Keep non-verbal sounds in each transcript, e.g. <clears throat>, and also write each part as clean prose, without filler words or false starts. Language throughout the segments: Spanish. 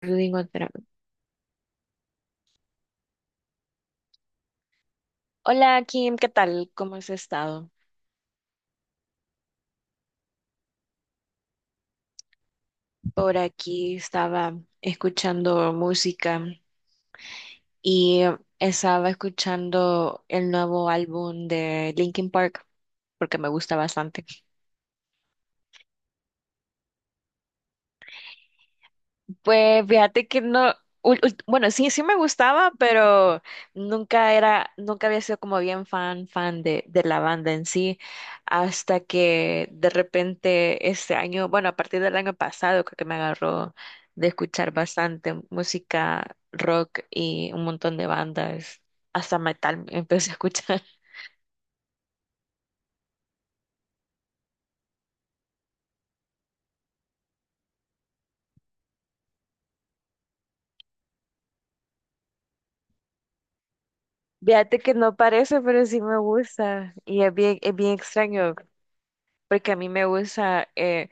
Rodrigo Andrade. Hola Kim, ¿qué tal? ¿Cómo has estado? Por aquí estaba escuchando música y estaba escuchando el nuevo álbum de Linkin Park porque me gusta bastante. Pues fíjate que no, bueno, sí, sí me gustaba, pero nunca había sido como bien fan, de la banda en sí, hasta que de repente este año, bueno, a partir del año pasado creo que me agarró de escuchar bastante música rock y un montón de bandas, hasta metal empecé a escuchar. <laughs> Fíjate que no parece, pero sí me gusta y es bien extraño, porque a mí me gusta...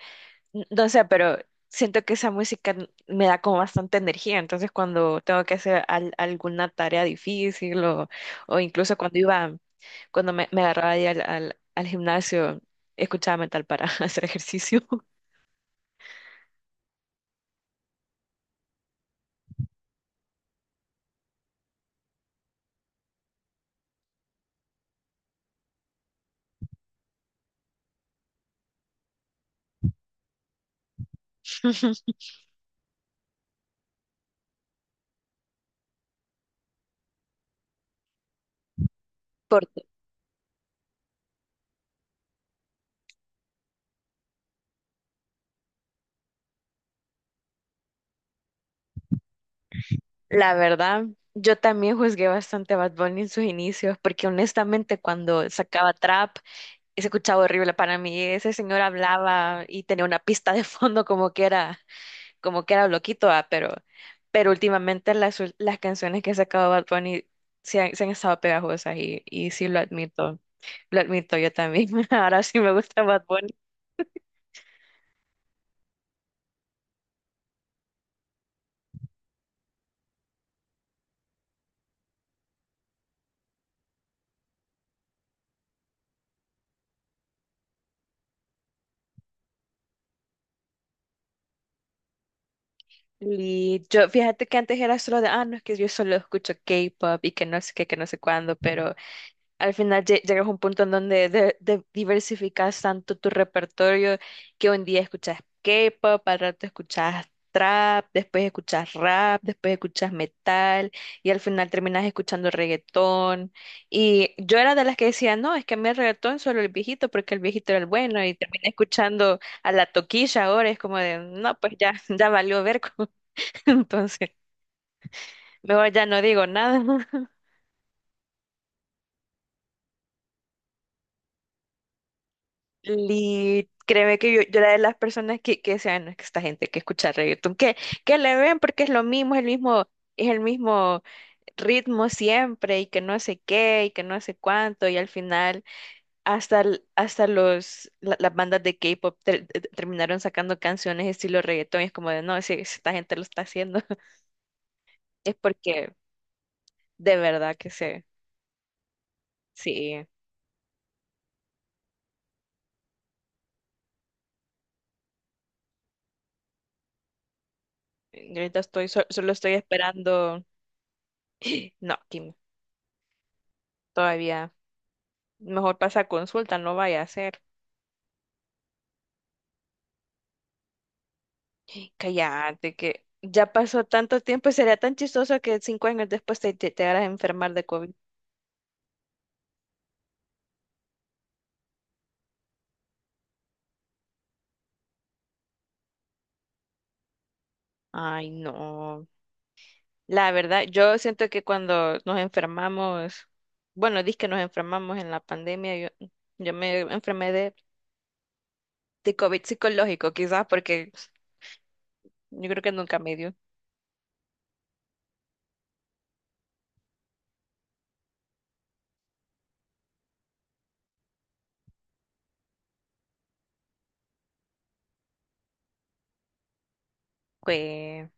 no sé, pero siento que esa me da como bastante energía. Entonces, cuando tengo que hacer alguna tarea difícil o incluso cuando iba, cuando me agarraba ahí al gimnasio, escuchaba metal para <laughs> hacer ejercicio. <laughs> Porque la verdad, yo también juzgué bastante a Bad Bunny en sus inicios, porque honestamente cuando sacaba trap, se escuchaba horrible para mí. Ese señor hablaba y tenía una pista de fondo como que era. Como que era loquito, ah, pero últimamente las canciones que ha sacado Bad Bunny se han estado pegajosas y sí lo admito yo también. <laughs> Ahora sí me gusta Bad Bunny. Y yo, fíjate que antes era solo de, ah, no, es que yo solo escucho K-pop y que no sé qué, que no sé cuándo, pero al final llegas a un punto en donde diversificas tanto tu repertorio que un día escuchas K-pop, al rato escuchas trap, después escuchas rap, después escuchas metal y al final terminas escuchando reggaetón. Y yo era de las que decía, no, es que a mí el reggaetón solo el viejito porque el viejito era el bueno y terminé escuchando a la toquilla ahora, es como de, no, pues ya, <laughs> ya valió ver, <laughs> entonces mejor ya no digo nada. Y créeme que yo era de las personas que decían, no, es que esta gente que escucha reggaetón, que le ven porque es lo mismo, es el mismo ritmo siempre, y que no sé qué, y que no sé cuánto, y al final hasta, hasta las bandas de K-pop terminaron sacando canciones estilo reggaetón, y es como de, no, si, si esta gente lo está haciendo, <laughs> es porque de verdad que sé, sí, y ahorita solo estoy esperando, <clears throat> no, Kim, todavía. Mejor pasa a consulta, no vaya a ser. Cállate, que ya pasó tanto tiempo y sería tan chistoso que cinco años después te hagas enfermar de COVID. Ay, no. La verdad, yo siento que cuando nos enfermamos, bueno, dis que nos enfermamos en la pandemia, yo me enfermé de COVID psicológico, quizás porque yo creo que nunca me dio. Fue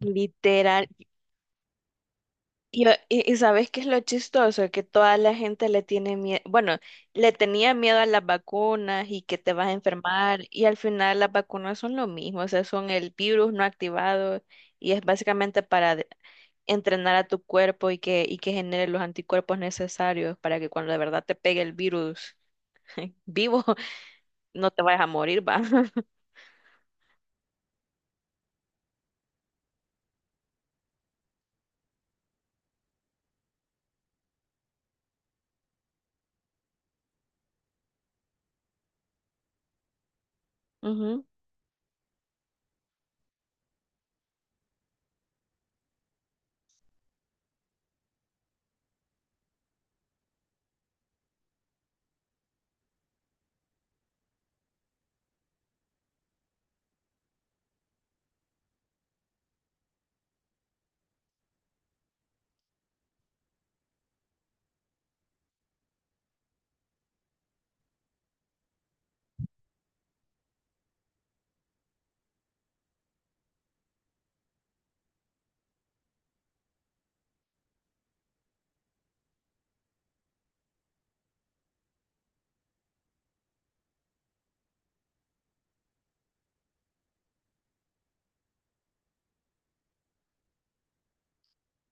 literal. Y, y ¿sabes qué es lo chistoso? Que toda la gente le tiene miedo, bueno, le tenía miedo a las vacunas y que te vas a enfermar y al final las vacunas son lo mismo, o sea, son el virus no activado y es básicamente para entrenar a tu cuerpo y y que genere los anticuerpos necesarios para que cuando de verdad te pegue el virus <laughs> vivo no te vayas a morir, va. <laughs> Ujú.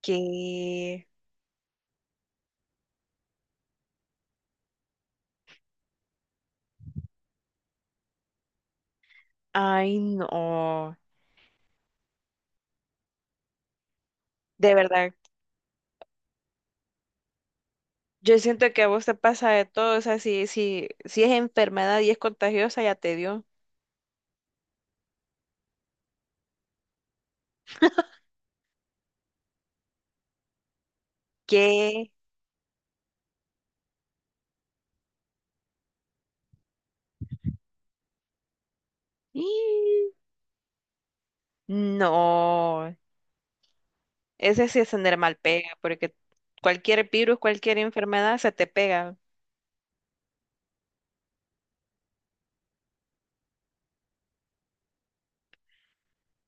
Que, ay, no, de verdad. Yo siento que a vos te pasa de todo, o sea, si es enfermedad y es contagiosa, ya te dio. ¿Qué? ¡Ih! No, ese sí es tener mal pega, porque cualquier virus, cualquier enfermedad se te pega.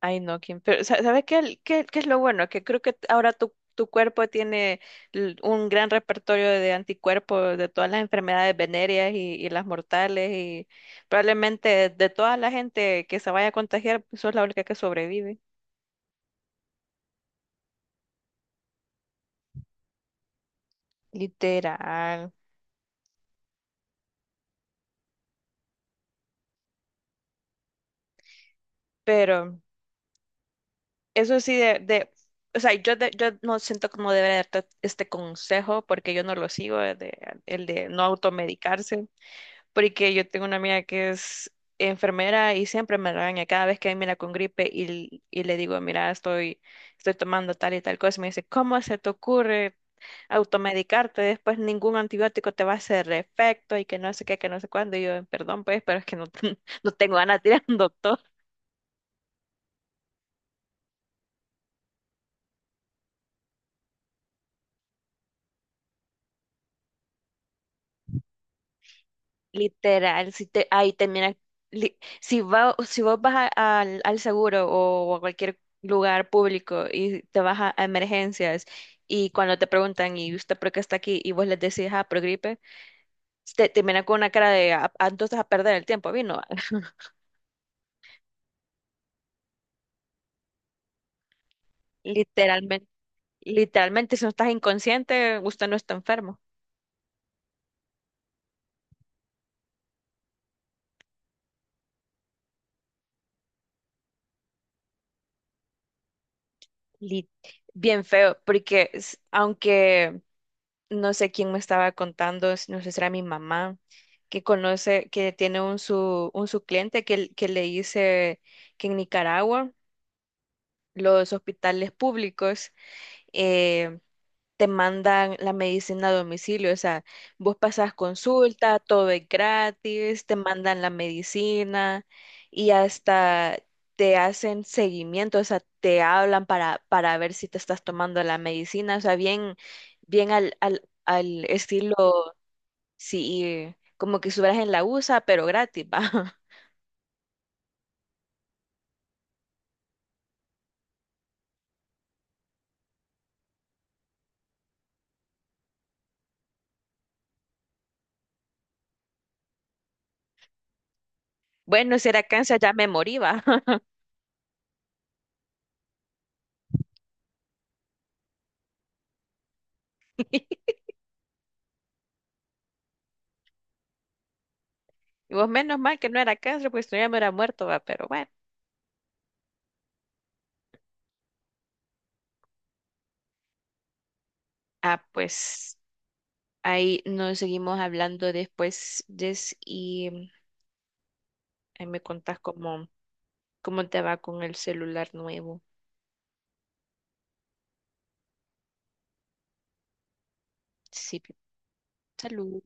Ay, no, ¿quién? Pero, ¿sabes qué, qué es lo bueno? Que creo que ahora tu cuerpo tiene un gran repertorio de anticuerpos de todas las enfermedades venéreas y las mortales, y probablemente de toda la gente que se vaya a contagiar, sos la única que sobrevive. Literal. Pero eso sí de o sea, yo, yo no siento como deber darte este consejo porque yo no lo sigo, el de no automedicarse, porque yo tengo una amiga que es enfermera y siempre me regaña cada vez que mira con gripe y le digo, mira, estoy, estoy tomando tal y tal cosa, y me dice, ¿cómo se te ocurre automedicarte? Después ningún antibiótico te va a hacer efecto y que no sé qué, que no sé cuándo. Y yo, perdón, pues, pero es que no, <laughs> no tengo ganas de ir al doctor. Literal, si te, ahí te mira, si va, si vos vas al seguro o a cualquier lugar público y te vas a emergencias y cuando te preguntan y usted por qué está aquí y vos les decís, ah, por gripe, te miran con una cara de, "Ah, ah, entonces a perder el tiempo, vino." <laughs> Literalmente, literalmente, si no estás inconsciente, usted no está enfermo. Li- Bien feo, porque aunque no sé quién me estaba contando, no sé si era mi mamá, que conoce, que tiene un su cliente que le dice que en Nicaragua los hospitales públicos eh, te mandan la medicina a domicilio, o sea, vos pasas consulta, todo es gratis, te mandan la medicina y hasta... te hacen seguimiento, o sea, te hablan para ver si te estás tomando la medicina, o sea, bien, bien al estilo. Sí, como que estuvieras en la USA, pero gratis, va. <laughs> Bueno, si era cáncer ya me morí, va. <laughs> Y vos menos mal que no era cáncer, pues tú ya me hubiera muerto, va, pero bueno. Ah, pues ahí nos seguimos hablando después, Jess, y ahí me contás cómo, cómo te va con el celular nuevo. Sí, salud.